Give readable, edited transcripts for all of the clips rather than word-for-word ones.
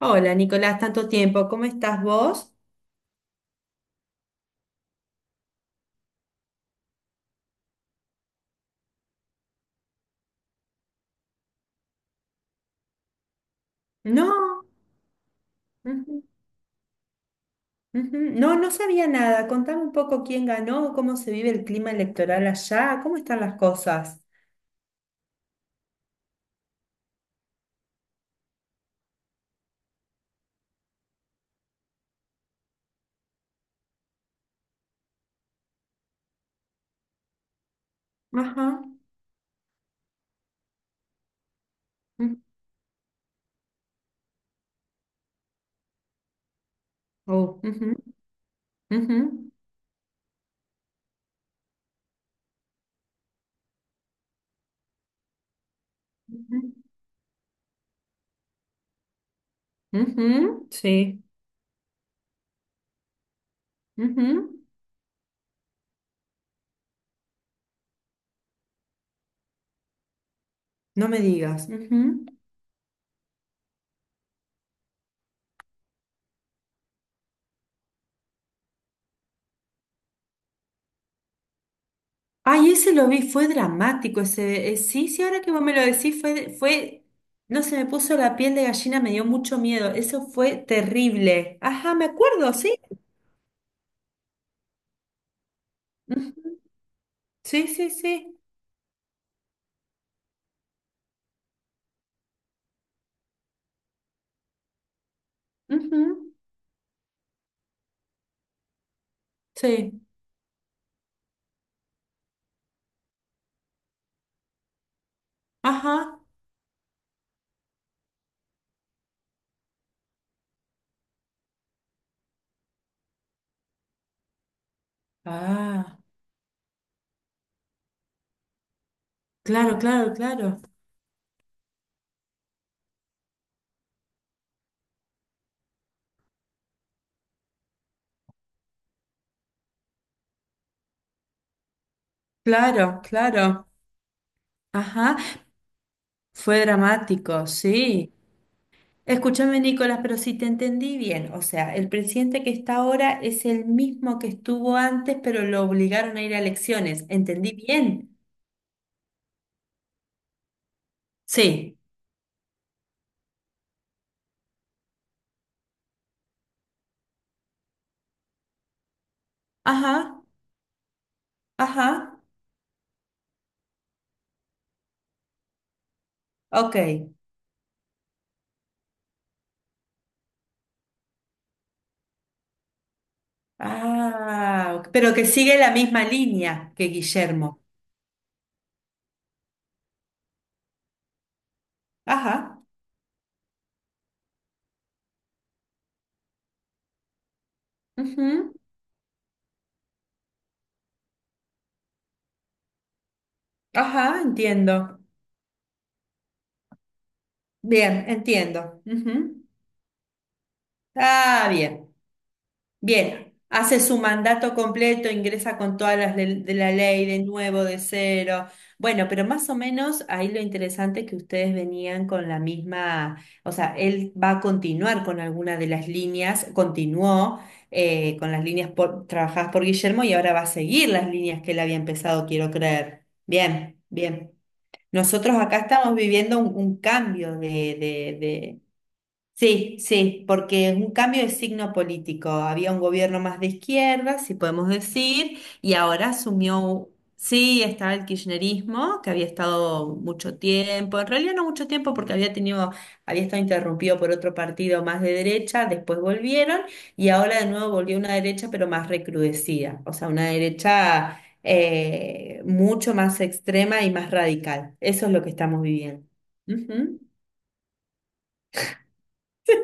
Hola, Nicolás, tanto tiempo. ¿Cómo estás vos? No, ujú, ujú. No, no sabía nada. Contame un poco quién ganó, cómo se vive el clima electoral allá, cómo están las cosas. Ajá, ujú, oh, ujú, ujú, ujú, ujú, sí, ujú. No me digas. Ujú. Ay, ese lo vi, fue dramático. Ese, sí, sí, ahora que vos me lo decís, no se me puso la piel de gallina, me dio mucho miedo. Eso fue terrible. Ajá, me acuerdo, sí. Sí, sí, sí. Ujú, sí. Ajá. Ah, claro, claro, claro. Claro, claro. Ajá. Fue dramático, sí. Escúchame, Nicolás, pero si te entendí bien, o sea, el presidente que está ahora es el mismo que estuvo antes, pero lo obligaron a ir a elecciones. ¿Entendí bien? Sí. Ajá, ajá. Ok. Ah, ok, pero que sigue la misma línea que Guillermo. Ajá, ujú, ajá, entiendo. Bien, entiendo. Ujú. Ah, bien, bien. Hace su mandato completo, ingresa con todas las de la ley de nuevo, de cero. Bueno, pero más o menos ahí lo interesante es que ustedes venían con la misma, o sea, él va a continuar con alguna de las líneas, continuó con las trabajadas por Guillermo y ahora va a seguir las líneas que él había empezado, quiero creer. Bien, bien. Nosotros acá estamos viviendo un cambio de. Sí, sí, porque es un cambio de signo político. Había un gobierno más de izquierda, si podemos decir, y ahora asumió, sí, estaba el kirchnerismo, que había estado mucho tiempo, en realidad no mucho tiempo porque había tenido, había estado interrumpido por otro partido más de derecha, después volvieron, y ahora de nuevo volvió una derecha, pero más recrudecida, o sea, una derecha mucho más extrema y más radical. Eso es lo que estamos viviendo.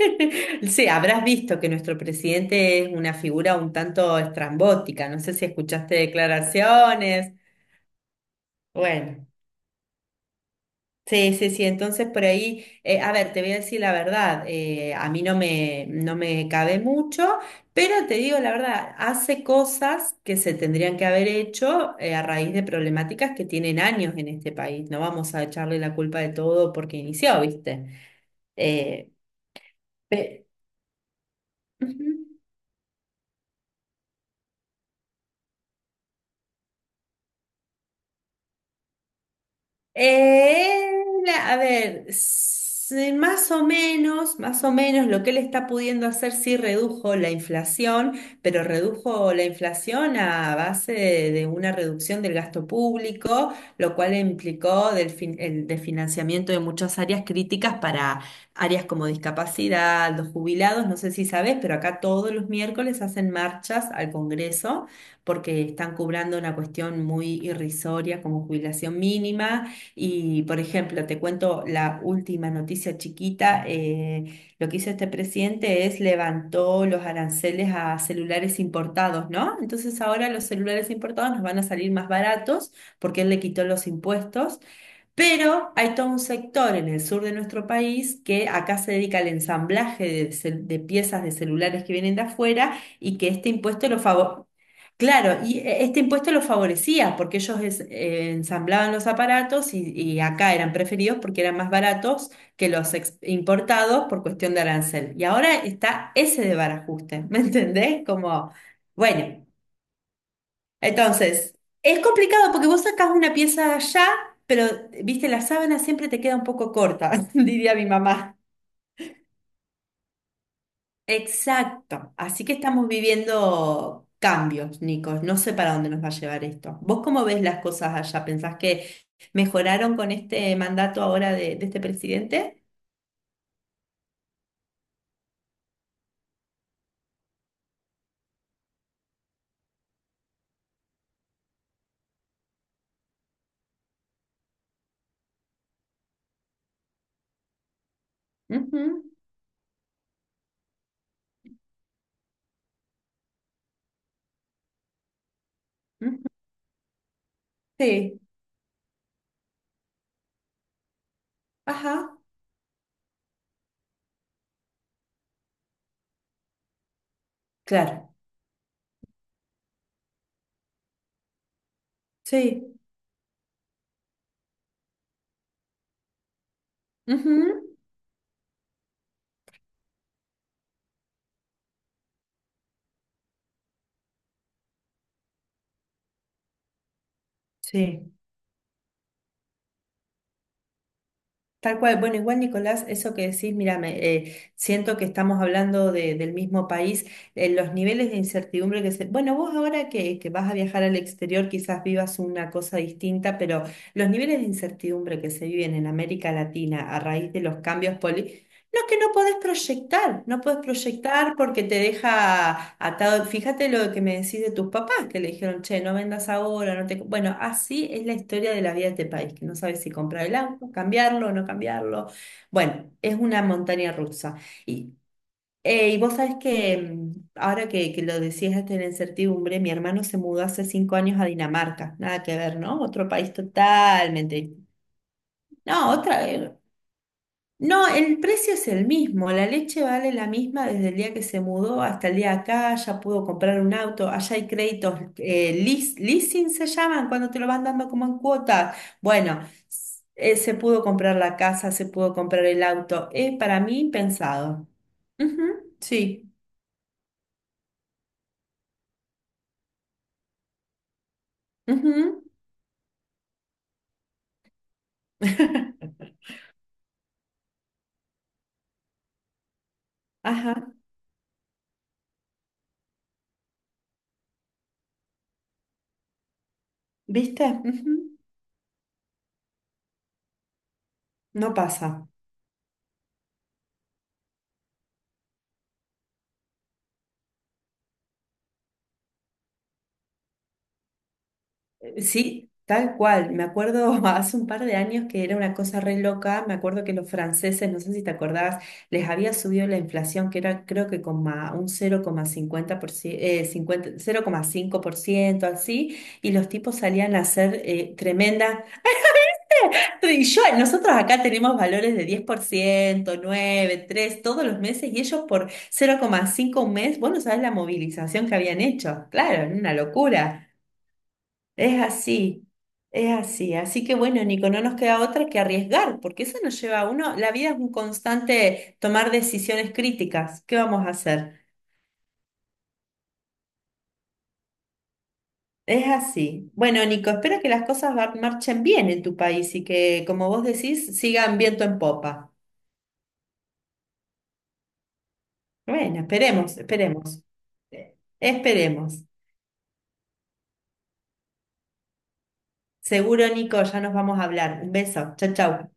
Sí, habrás visto que nuestro presidente es una figura un tanto estrambótica. No sé si escuchaste declaraciones. Bueno, sí, sí, sí. Entonces por ahí, a ver, te voy a decir la verdad. A mí no me cabe mucho, pero te digo la verdad, hace cosas que se tendrían que haber hecho a raíz de problemáticas que tienen años en este país. No vamos a echarle la culpa de todo porque inició, ¿viste? Eh, pe- Ujú. Eh, a ver, más o menos lo que él está pudiendo hacer sí redujo la inflación, pero redujo la inflación a base de una reducción del gasto público, lo cual implicó el desfinanciamiento de muchas áreas críticas para áreas como discapacidad, los jubilados, no sé si sabes, pero acá todos los miércoles hacen marchas al Congreso porque están cobrando una cuestión muy irrisoria como jubilación mínima y, por ejemplo, te cuento la última noticia chiquita. Lo que hizo este presidente es levantó los aranceles a celulares importados, ¿no? Entonces ahora los celulares importados nos van a salir más baratos porque él le quitó los impuestos. Pero hay todo un sector en el sur de nuestro país que acá se dedica al ensamblaje de piezas de celulares que vienen de afuera y que este impuesto lo favorece. Claro, y este impuesto los favorecía porque ellos ensamblaban los aparatos y acá eran preferidos porque eran más baratos que los importados por cuestión de arancel. Y ahora está ese desbarajuste, ¿me entendés? Como, bueno, entonces, es complicado porque vos sacás una pieza allá, pero, viste, la sábana siempre te queda un poco corta, diría mi mamá. Exacto. Así que estamos viviendo cambios, Nicos. No sé para dónde nos va a llevar esto. ¿Vos cómo ves las cosas allá? ¿Pensás que mejoraron con este mandato ahora de este presidente? Ujú, ujú. Sí. Ajá. Claro. Sí. Ujú. Sí. Tal cual. Bueno, igual Nicolás, eso que decís, mira, siento que estamos hablando del mismo país, los niveles de incertidumbre que se... Bueno, vos ahora que vas a viajar al exterior quizás vivas una cosa distinta, pero los niveles de incertidumbre que se viven en América Latina a raíz de los cambios no, es que no podés proyectar, no podés proyectar porque te deja atado. Fíjate lo que me decís de tus papás, que le dijeron, che, no vendas ahora, no te... co-". Bueno, así es la historia de la vida de este país, que no sabes si comprar el auto, cambiarlo, no cambiarlo. Bueno, es una montaña rusa. Y, y vos sabés que ahora que lo decías hasta en la incertidumbre, mi hermano se mudó hace 5 años a Dinamarca, nada que ver, ¿no? Otro país totalmente. No, otra. No, el precio es el mismo, la leche vale la misma desde el día que se mudó hasta el día acá, ya pudo comprar un auto, allá hay créditos, leasing se llaman, cuando te lo van dando como en cuotas. Bueno, se pudo comprar la casa, se pudo comprar el auto, es para mí pensado. Ujú, sí, ujú, ajá, ¿viste? Ujú, no pasa. Sí, tal cual. Me acuerdo hace un par de años que era una cosa re loca. Me acuerdo que los franceses, no sé si te acordabas, les había subido la inflación, que era creo que con a un 0,50%, cincuenta 0,5%, así, y los tipos salían a hacer tremenda. Y yo, nosotros acá tenemos valores de 10%, 9, 3, todos los meses, y ellos por 0,5 un mes, vos no sabés la movilización que habían hecho. Claro, una locura. Es así, es así. Así que bueno, Nico, no nos queda otra que arriesgar, porque eso nos lleva a uno, la vida es un constante tomar decisiones críticas. ¿Qué vamos a hacer? Es así. Bueno, Nico, espero que las cosas marchen bien en tu país y que, como vos decís, sigan viento en popa. Bueno, esperemos, esperemos. Esperemos. Seguro, Nico, ya nos vamos a hablar. Un beso. Chau, chau.